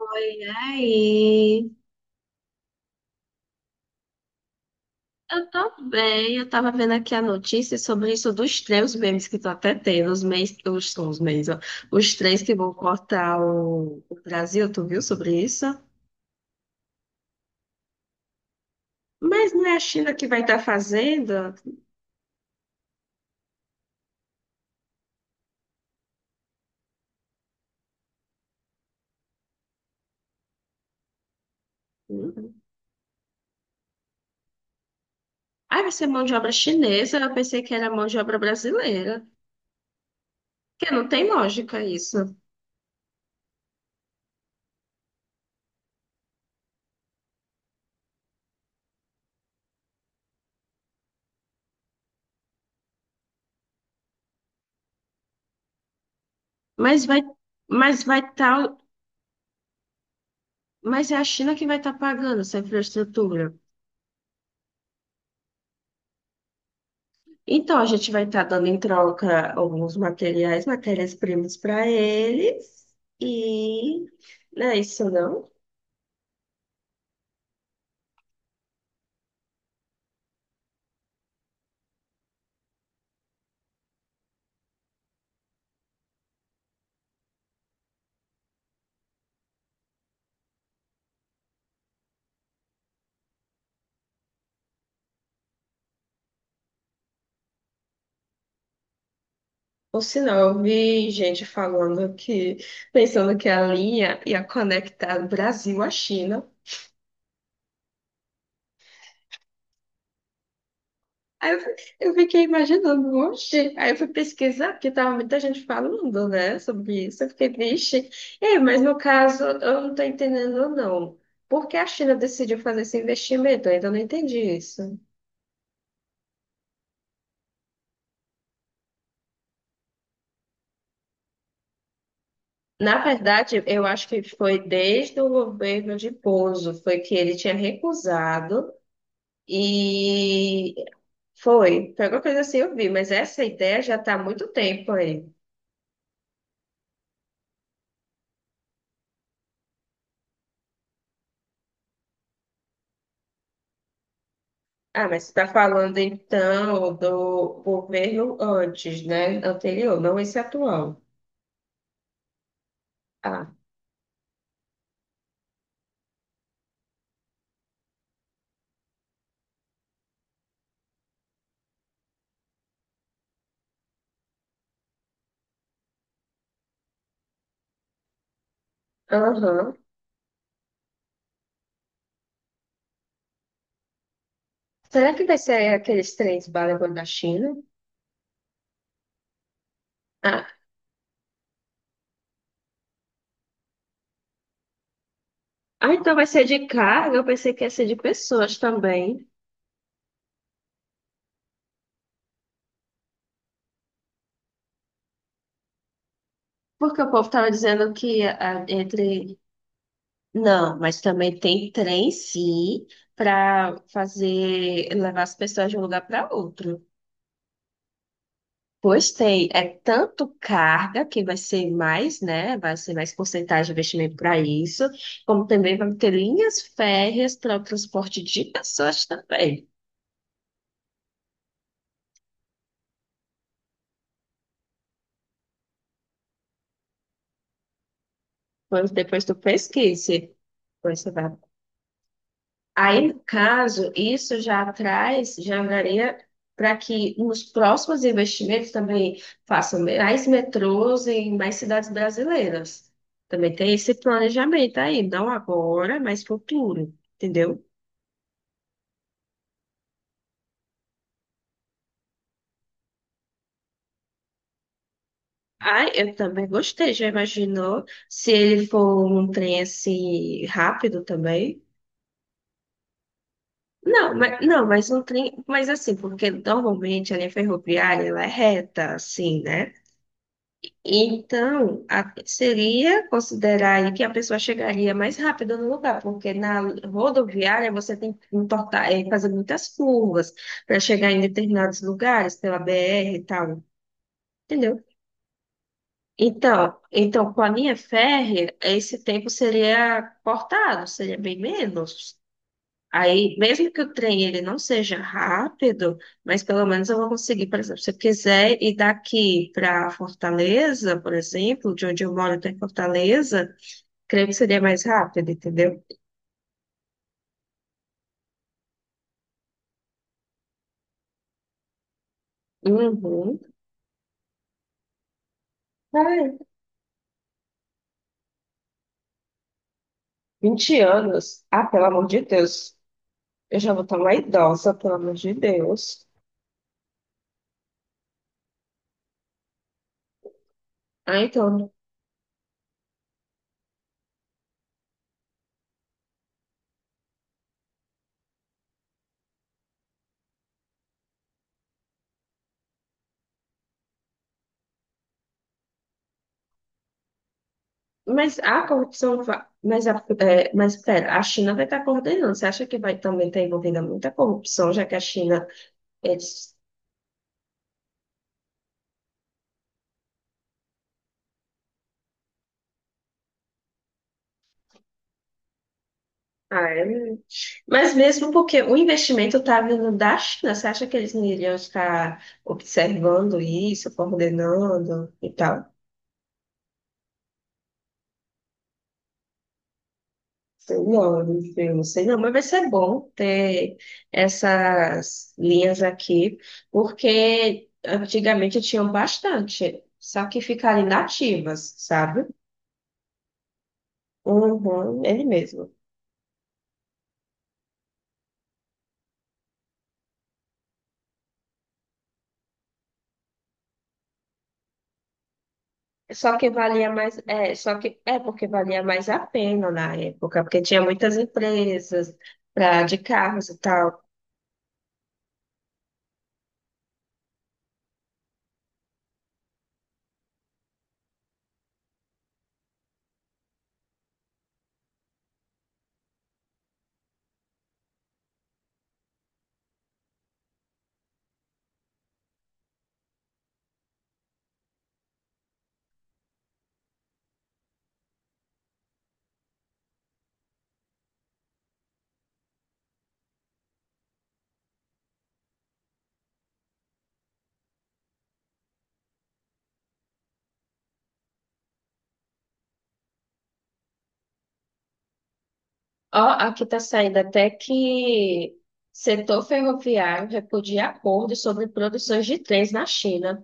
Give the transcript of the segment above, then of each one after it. Oi, aí. Eu tô bem. Eu tava vendo aqui a notícia sobre isso dos três memes que tô até tendo, os memes, os memes, ó. Os trens que vão cortar o Brasil, tu viu sobre isso? Mas não é a China que vai estar fazendo? Hum. Ah, vai ser mão de obra chinesa. Eu pensei que era mão de obra brasileira. Que não tem lógica isso. Mas vai, mas vai estar, mas é a China que vai estar pagando essa infraestrutura. Então, a gente vai estar dando em troca alguns materiais, matérias-primas para eles. E não é isso, não? Ou senão, eu vi gente falando que, pensando que a linha ia conectar o Brasil à China. Aí eu, eu fiquei imaginando, oxe. Aí eu fui pesquisar, porque tava muita gente falando, né, sobre isso. Eu fiquei, vixe. É, mas no caso, eu não tô entendendo, não. Por que a China decidiu fazer esse investimento? Eu ainda não entendi isso. Na verdade, eu acho que foi desde o governo de Bozo, foi que ele tinha recusado e foi, foi alguma coisa assim eu vi, mas essa ideia já está há muito tempo aí. Ah, mas você está falando então do governo antes, né? Anterior, não esse atual. Ah, aham. Será que vai ser aqueles trens balangando da China? Ah, ah, então vai ser de carga? Eu pensei que ia ser de pessoas também. Porque o povo estava dizendo que ah, entre... Não, mas também tem trem, sim, para fazer levar as pessoas de um lugar para outro. Pois tem, é tanto carga que vai ser mais, né? Vai ser mais porcentagem de investimento para isso, como também vai ter linhas férreas para o transporte de pessoas também. Pois depois tu pesquise, pois você vai... Aí, no caso, isso já traz, já varia para que nos próximos investimentos também façam mais metrôs em mais cidades brasileiras. Também tem esse planejamento aí, não agora, mas futuro, entendeu? Ai, eu também gostei. Já imaginou se ele for um trem assim rápido também? Não, mas, não, mas um trem, mas assim, porque normalmente a linha ferroviária ela é reta, assim, né? Então, seria considerar aí que a pessoa chegaria mais rápido no lugar, porque na rodoviária você tem que importar, é, fazer muitas curvas para chegar em determinados lugares, pela BR e tal, entendeu? Então, com a linha férrea, esse tempo seria cortado, seria bem menos. Aí, mesmo que o trem ele não seja rápido, mas pelo menos eu vou conseguir, por exemplo, se eu quiser ir daqui para Fortaleza, por exemplo, de onde eu moro até Fortaleza, creio que seria mais rápido, entendeu? Uhum. Ai, 20 anos. Ah, pelo amor de Deus. Eu já vou estar uma idosa, pelo amor de Deus. Ah, então. Mas a corrupção. Mas, a, é, mas espera, a China vai estar coordenando. Você acha que vai também estar envolvida muita corrupção, já que a China. Ah, é muito. Mas mesmo porque o investimento está vindo da China, você acha que eles não iriam estar observando isso, coordenando e tal? Sei não, eu não sei não, mas vai ser bom ter essas linhas aqui, porque antigamente tinham bastante, só que ficaram inativas, sabe? Uhum, ele mesmo. Só que valia mais, é, só que é porque valia mais a pena na época, porque tinha muitas empresas pra, de carros e tal. Ó, aqui tá saindo até que setor ferroviário repudia acordo sobre produções de trens na China.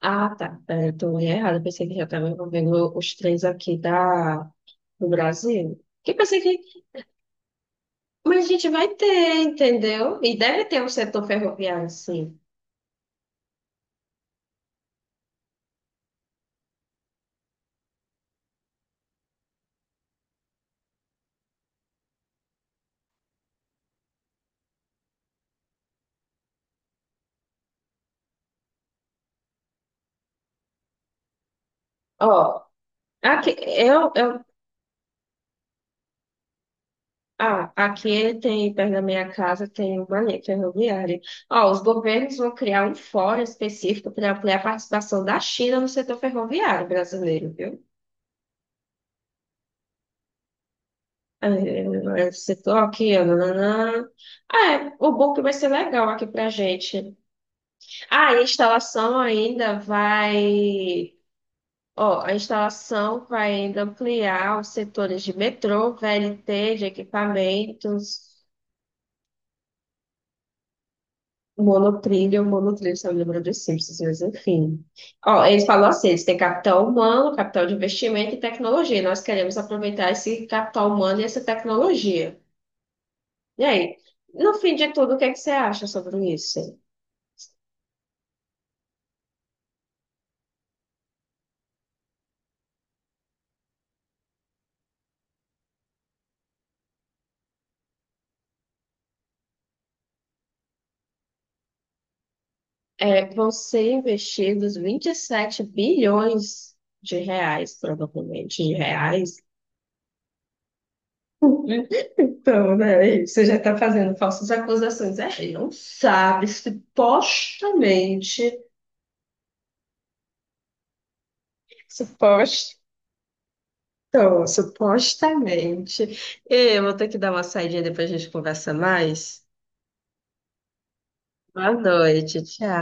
Ah, tá. Peraí, eu tô olhando errado. Pensei que já estava envolvendo os trens aqui da, do Brasil. Que pensei que... Mas a gente vai ter, entendeu? E deve ter um setor ferroviário, sim. Ó, aqui, eu Ah, aqui tem, perto da minha casa, tem uma linha ferroviária. Ó, os governos vão criar um fórum específico para ampliar a participação da China no setor ferroviário brasileiro, viu? É, é, setor aqui, ó, nananã. Ah, é, o book vai ser legal aqui pra gente. Ah, a instalação ainda vai... Ó, a instalação vai ainda ampliar os setores de metrô, VLT, de equipamentos... Monotrilho, monotrilho, você lembra dos Simpsons, mas enfim. Ó, eles falam assim, eles têm capital humano, capital de investimento e tecnologia. Nós queremos aproveitar esse capital humano e essa tecnologia. E aí, no fim de tudo, o que é que você acha sobre isso? É, vão ser investidos 27 bilhões de reais, provavelmente, de reais. Então, né, você já está fazendo falsas acusações. É, ele não sabe, supostamente... Supostamente. Então, supostamente. Ei, eu vou ter que dar uma saidinha depois a gente conversa mais. Boa noite, tchau.